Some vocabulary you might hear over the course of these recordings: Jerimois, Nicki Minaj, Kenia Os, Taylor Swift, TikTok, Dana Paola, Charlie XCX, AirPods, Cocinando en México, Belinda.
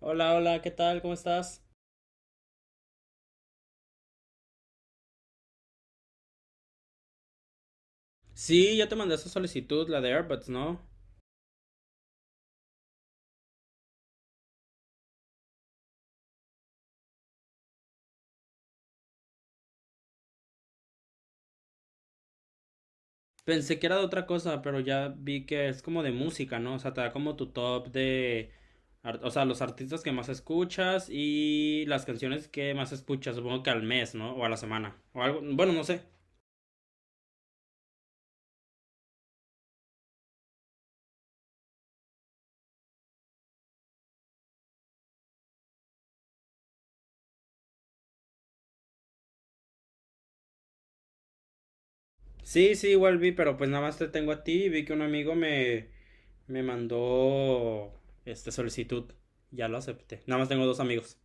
Hola, hola, ¿qué tal? ¿Cómo estás? Sí, ya te mandé esa solicitud, la de AirPods, ¿no? Pensé que era de otra cosa, pero ya vi que es como de música, ¿no? O sea, te da como tu top de, o sea, los artistas que más escuchas y las canciones que más escuchas, supongo que al mes, ¿no? O a la semana, o algo, bueno, no sé. Sí, sí, igual vi, pero pues nada más te tengo a ti y vi que un amigo me mandó, solicitud. Ya lo acepté. Nada más tengo dos amigos.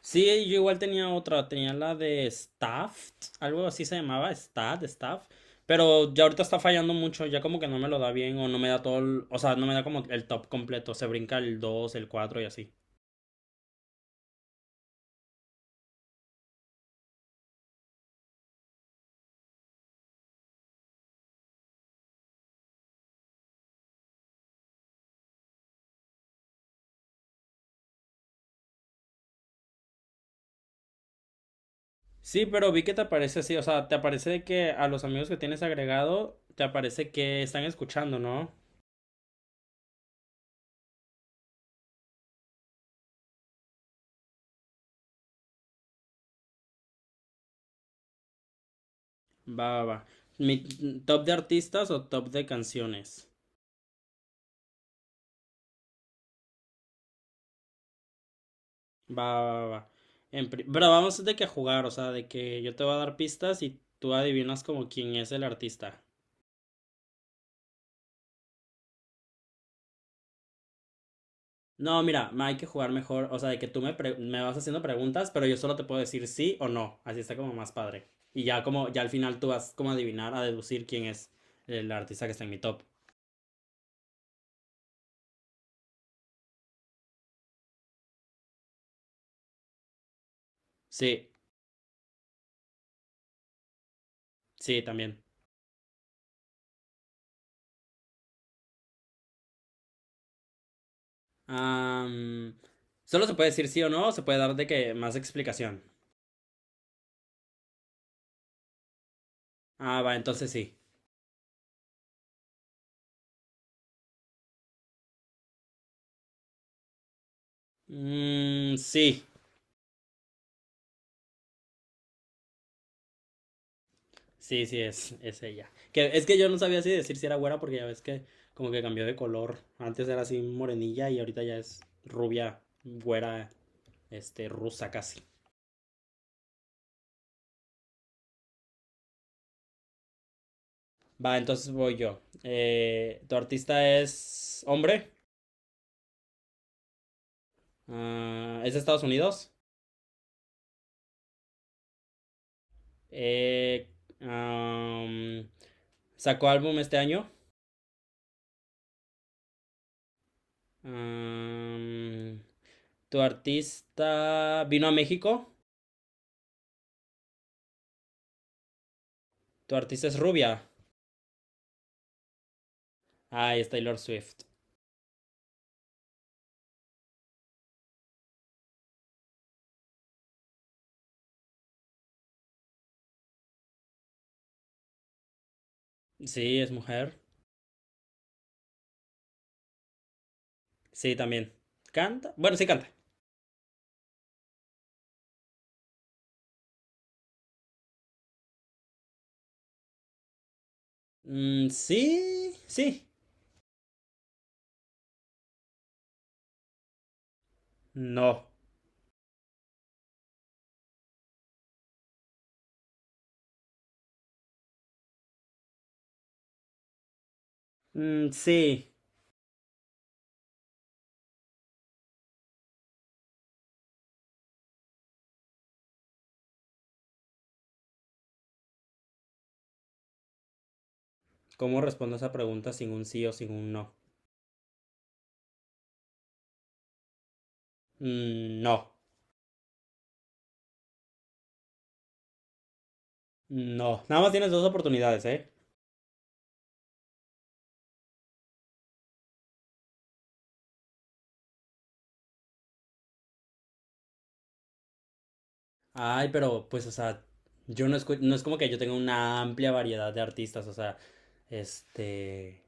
Sí, yo igual tenía otra, tenía la de Staff, algo así se llamaba, Stat, Staff, pero ya ahorita está fallando mucho, ya como que no me lo da bien o no me da todo, o sea, no me da como el top completo, se brinca el 2, el cuatro y así. Sí, pero vi que te aparece así, o sea, te aparece de que a los amigos que tienes agregado, te aparece que están escuchando, ¿no? Va, va, va. Mi top de artistas o top de canciones. Va, va, va. Pero vamos de que a jugar, o sea, de que yo te voy a dar pistas y tú adivinas como quién es el artista. No, mira, ma, hay que jugar mejor, o sea, de que tú me vas haciendo preguntas, pero yo solo te puedo decir sí o no, así está como más padre. Y ya como, ya al final tú vas como a adivinar, a deducir quién es el artista que está en mi top. Sí, sí, también. Am, Solo se puede decir sí o no, o se puede dar de que más explicación. Ah, va, entonces sí. Mm, sí. Sí, sí, es ella. Que, es que yo no sabía si decir si era güera porque ya ves que como que cambió de color. Antes era así morenilla y ahorita ya es rubia, güera, rusa casi. Va, entonces voy yo. ¿Tu artista es hombre? Ah, ¿es de Estados Unidos? Eh, am, ¿Sacó álbum este año? Am, ¿Tu artista vino a México? ¿Tu artista es rubia? Ah, es Taylor Swift. Sí, es mujer. Sí, también. ¿Canta? Bueno, sí canta. Mm, sí, sí, no. Mm, sí. ¿Cómo respondo esa pregunta sin un sí o sin un no? Mm, no, no. Nada más tienes dos oportunidades, ¿eh? Ay, pero pues, o sea, yo no es como que yo tenga una amplia variedad de artistas, o sea, este...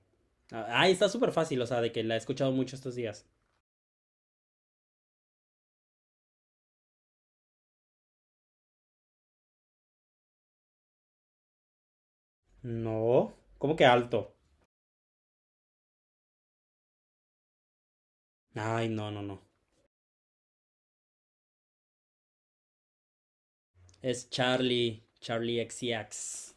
Ay, está súper fácil, o sea, de que la he escuchado mucho estos días. No, ¿cómo que alto? Ay, no, no, no. Es Charlie XCX.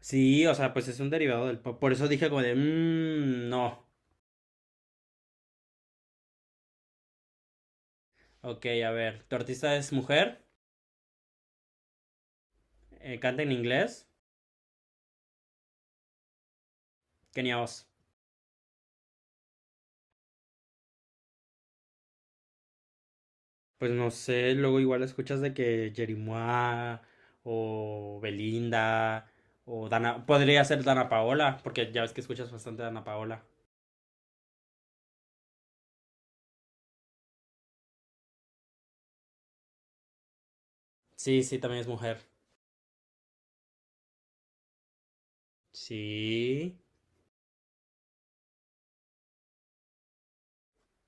Sí, o sea, pues es un derivado del pop. Por eso dije como de, no. Ok, a ver, tu artista es mujer, canta en inglés, Kenia Os. Pues no sé, luego igual escuchas de que Jerimois o Belinda o Dana, podría ser Dana Paola, porque ya ves que escuchas bastante a Dana Paola. Sí, sí, también es mujer. Sí,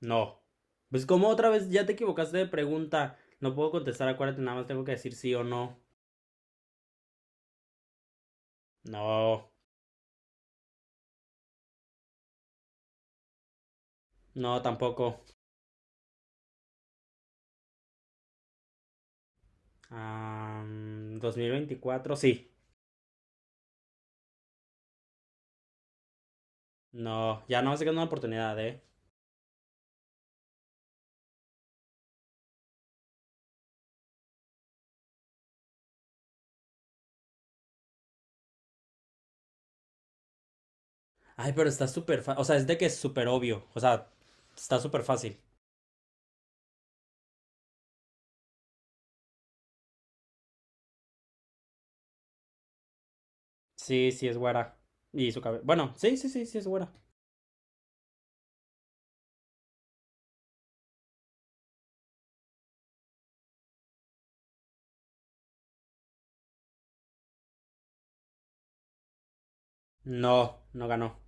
no. Pues como otra vez ya te equivocaste de pregunta, no puedo contestar, acuérdate, nada más tengo que decir sí o no. No, no, tampoco. 2024, sí. No, ya no más se queda una oportunidad, ¿eh? Ay, pero está súper fácil. O sea, es de que es súper obvio. O sea, está súper fácil. Sí, sí es güera. Y su cabello. Bueno, sí, sí, sí, sí es güera. No, no ganó.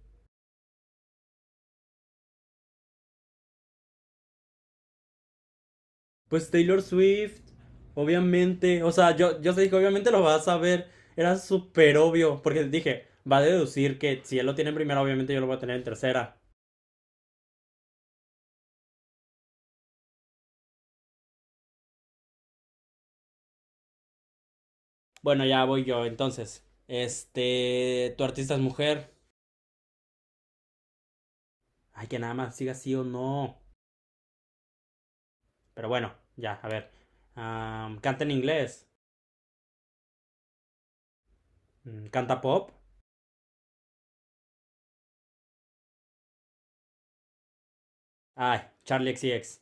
Pues Taylor Swift, obviamente. O sea, yo te dije, obviamente lo vas a ver. Era súper obvio. Porque dije, va a deducir que si él lo tiene en primera, obviamente yo lo voy a tener en tercera. Bueno, ya voy yo entonces. Tu artista es mujer. Ay, que nada más siga sí o no. Pero bueno, ya, a ver. Canta en inglés. Canta pop. Ay, Charlie XCX.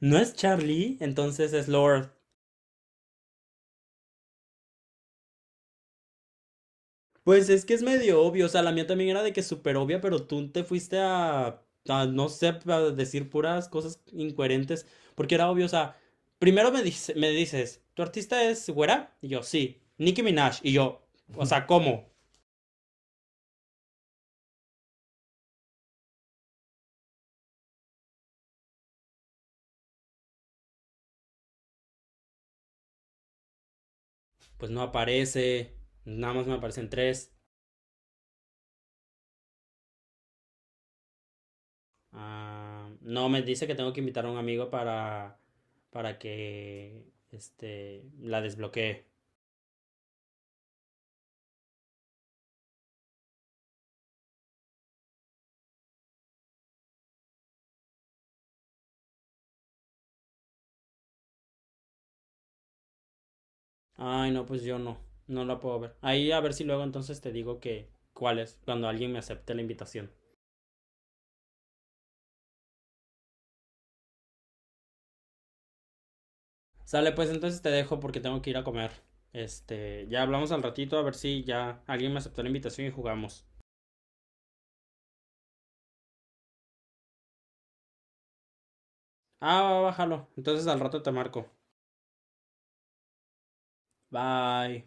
No es Charlie, entonces es Lord. Pues es que es medio obvio. O sea, la mía también era de que súper obvia, pero tú te fuiste a, no sé, a decir puras cosas incoherentes. Porque era obvio, o sea, primero me dices, ¿tu artista es güera? Y yo, sí. Nicki Minaj. Y yo, o sea, ¿cómo? Pues no aparece. Nada más me aparecen tres. Ah, no, me dice que tengo que invitar a un amigo para que la desbloquee. Ay, no, pues yo no, no la puedo ver. Ahí a ver si luego entonces te digo que cuál es, cuando alguien me acepte la invitación. Sale, pues entonces te dejo porque tengo que ir a comer. Ya hablamos al ratito a ver si ya alguien me aceptó la invitación y jugamos. Ah, va, bájalo. Entonces al rato te marco. Bye.